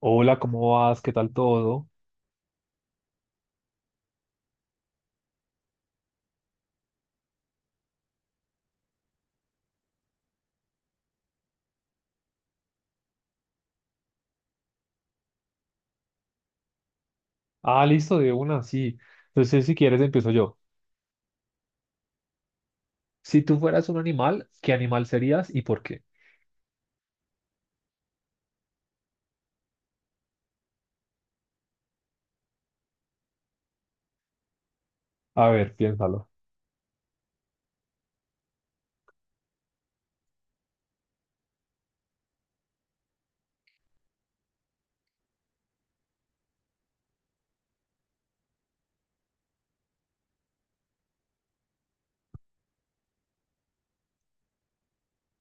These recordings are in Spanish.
Hola, ¿cómo vas? ¿Qué tal todo? Ah, listo, de una, sí. Entonces, si quieres, empiezo yo. Si tú fueras un animal, ¿qué animal serías y por qué? A ver, piénsalo.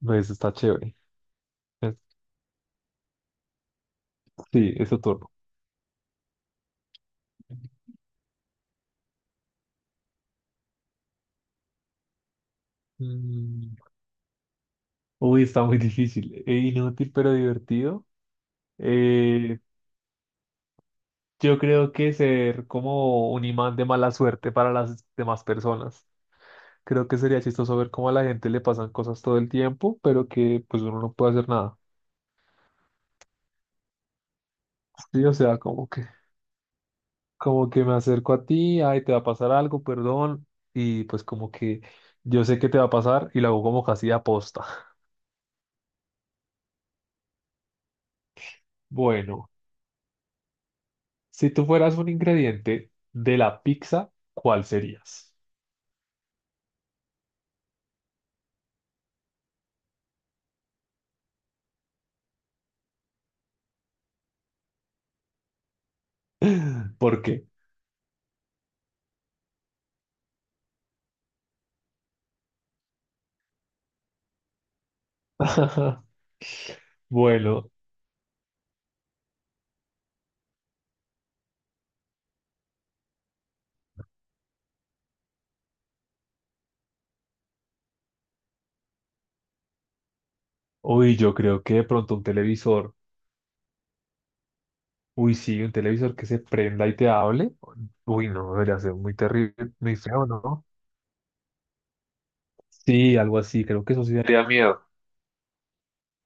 No, eso está chévere. Es- Sí, es tu turno. Mm, Uy, está muy difícil. E inútil, pero divertido. Eh, yo creo que ser como un imán de mala suerte para las demás personas. Creo que sería chistoso ver cómo a la gente le pasan cosas todo el tiempo, pero que pues uno no puede hacer nada. Sí, o sea, como que me acerco a ti, ay, te va a pasar algo, perdón, y pues como que yo sé que te va a pasar y lo hago como casi aposta. Bueno, si tú fueras un ingrediente de la pizza, ¿cuál serías? ¿Por qué? Bueno, uy, yo creo que de pronto un televisor, uy, sí, un televisor que se prenda y te hable, uy, no, debería ser muy terrible, muy feo, ¿no? Sí, algo así, creo que eso sí daría miedo.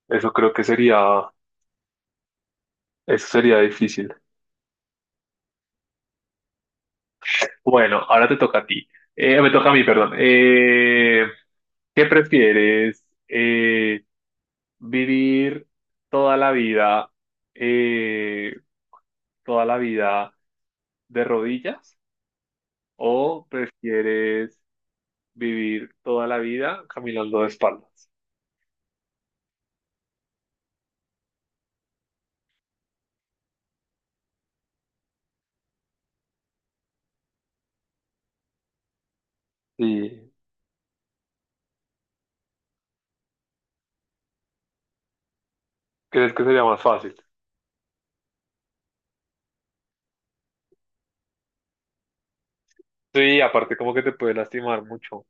Eso creo que sería, eso sería difícil. Bueno, ahora te toca a ti. Me toca a mí, perdón. ¿Qué prefieres? ¿Vivir toda la vida, eh, toda la vida de rodillas o prefieres vivir toda la vida caminando de espaldas? ¿Y crees que sería más fácil? Sí, aparte como que te puede lastimar mucho.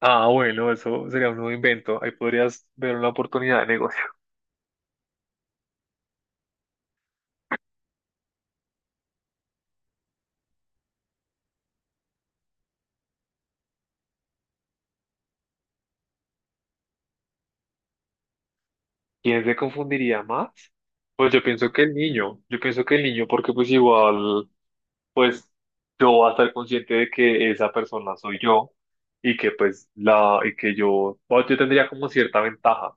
Ah, bueno, eso sería un nuevo invento. Ahí podrías ver una oportunidad de negocio. ¿Quién se confundiría más? Pues yo pienso que el niño, yo pienso que el niño, porque pues igual, pues yo voy a estar consciente de que esa persona soy yo y que pues la, y que yo, bueno, yo tendría como cierta ventaja.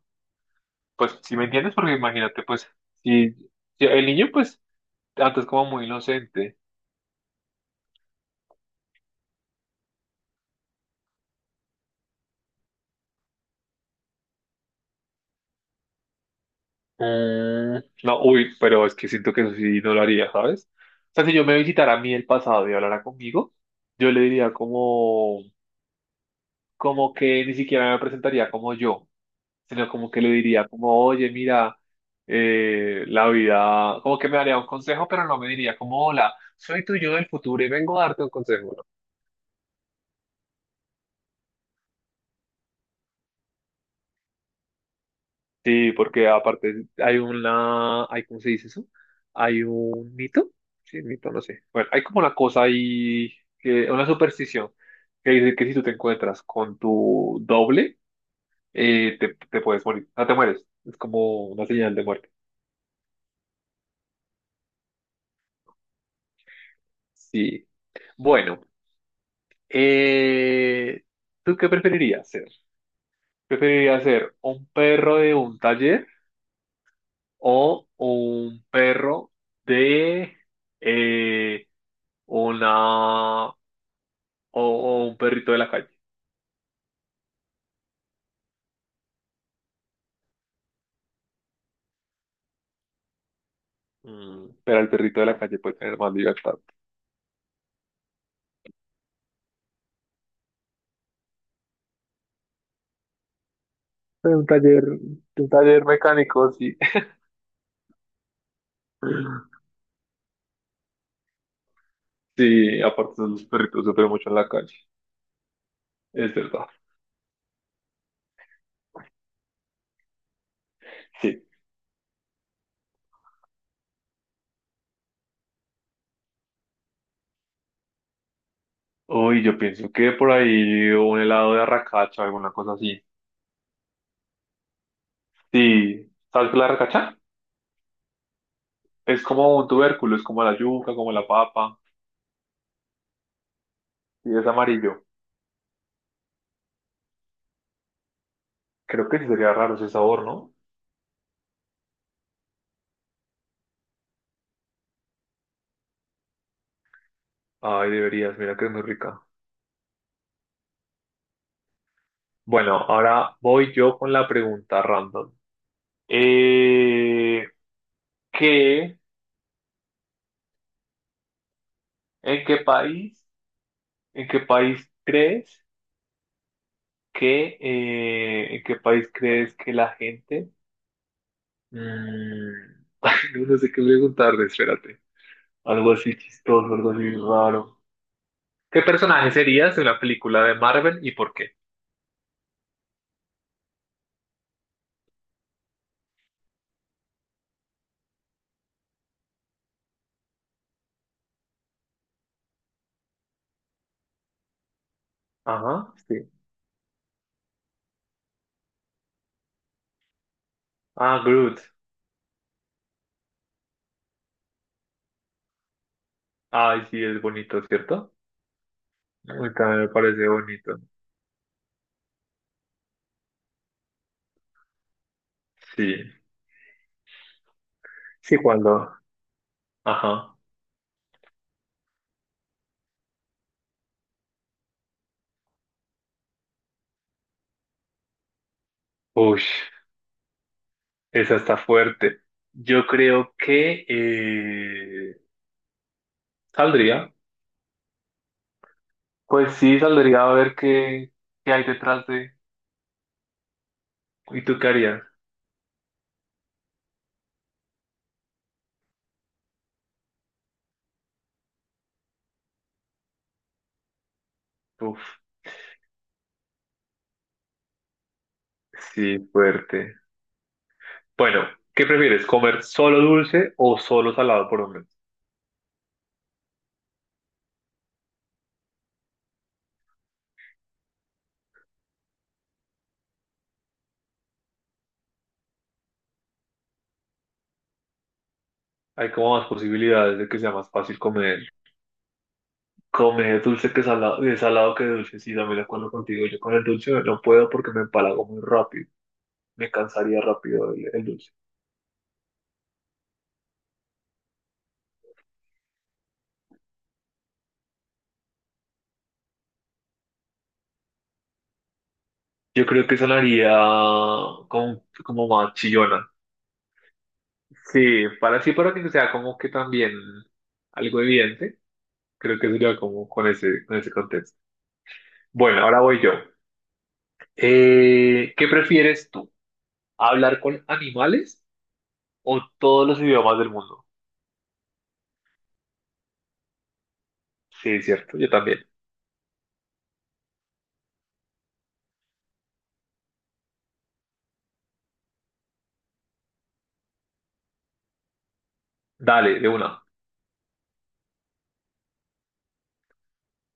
Pues si me entiendes, porque imagínate, pues si el niño pues antes como muy inocente. Mm, no, uy, pero es que siento que eso sí no lo haría, ¿sabes? O sea, si yo me visitara a mí el pasado y hablara conmigo, yo le diría como... como que ni siquiera me presentaría como yo, sino como que le diría como, oye, mira, la vida, como que me daría un consejo, pero no me diría como, hola, soy tu yo del futuro y vengo a darte un consejo, ¿no? Sí, porque aparte hay una, hay, ¿cómo se dice eso? Hay un mito, sí, mito, no sé. Bueno, hay como una cosa ahí, que, una superstición, que dice que si tú te encuentras con tu doble, te puedes morir, no te mueres, es como una señal de muerte. Sí. Bueno, eh, ¿tú qué preferirías ser? ¿Preferirías ser un perro de un taller o un perro de eh, una o un perrito de la calle? Mm, pero el perrito de la calle puede tener más libertad. De un taller mecánico, sí. Sí, aparte los perritos sufren mucho en la calle. Es verdad. Sí. Uy, yo pienso que por ahí un helado de arracacha o alguna cosa así. Sí, ¿sabes qué es la arracacha? Es como un tubérculo, es como la yuca, como la papa, y es amarillo. Creo que sí sería raro ese sabor, ¿no? Ay, deberías, mira que es muy rica. Bueno, ahora voy yo con la pregunta random. Eh, ¿Qué, en qué país, en qué país crees que, en qué país crees que la gente... Mm, no, no sé qué preguntarle, espérate. Algo así chistoso, algo así raro. ¿Qué personaje serías en la película de Marvel y por qué? Ajá, sí. Ah, Groot. Ay, sí, es bonito, ¿cierto? A mí también me parece bonito. Sí. Sí, cuando. Ajá. Uy, esa está fuerte. Yo creo que saldría. Pues sí, saldría a ver qué, qué hay detrás de. ¿Y tú qué harías? Uf, sí, fuerte. Bueno, ¿qué prefieres? ¿Comer solo dulce o solo salado por hombre? Hay como más posibilidades de que sea más fácil comer, comer dulce que salado, de salado que dulce. Sí, también de acuerdo contigo. Yo con el dulce no puedo porque me empalago muy rápido. Me cansaría rápido el dulce. Yo creo que sonaría como, como más chillona. Sí, para sí, para que sea como que también algo evidente. Creo que sería como con ese contexto. Bueno, ahora voy yo. ¿Qué prefieres tú? ¿Hablar con animales o todos los idiomas del mundo? Sí, es cierto, yo también. Dale, de una.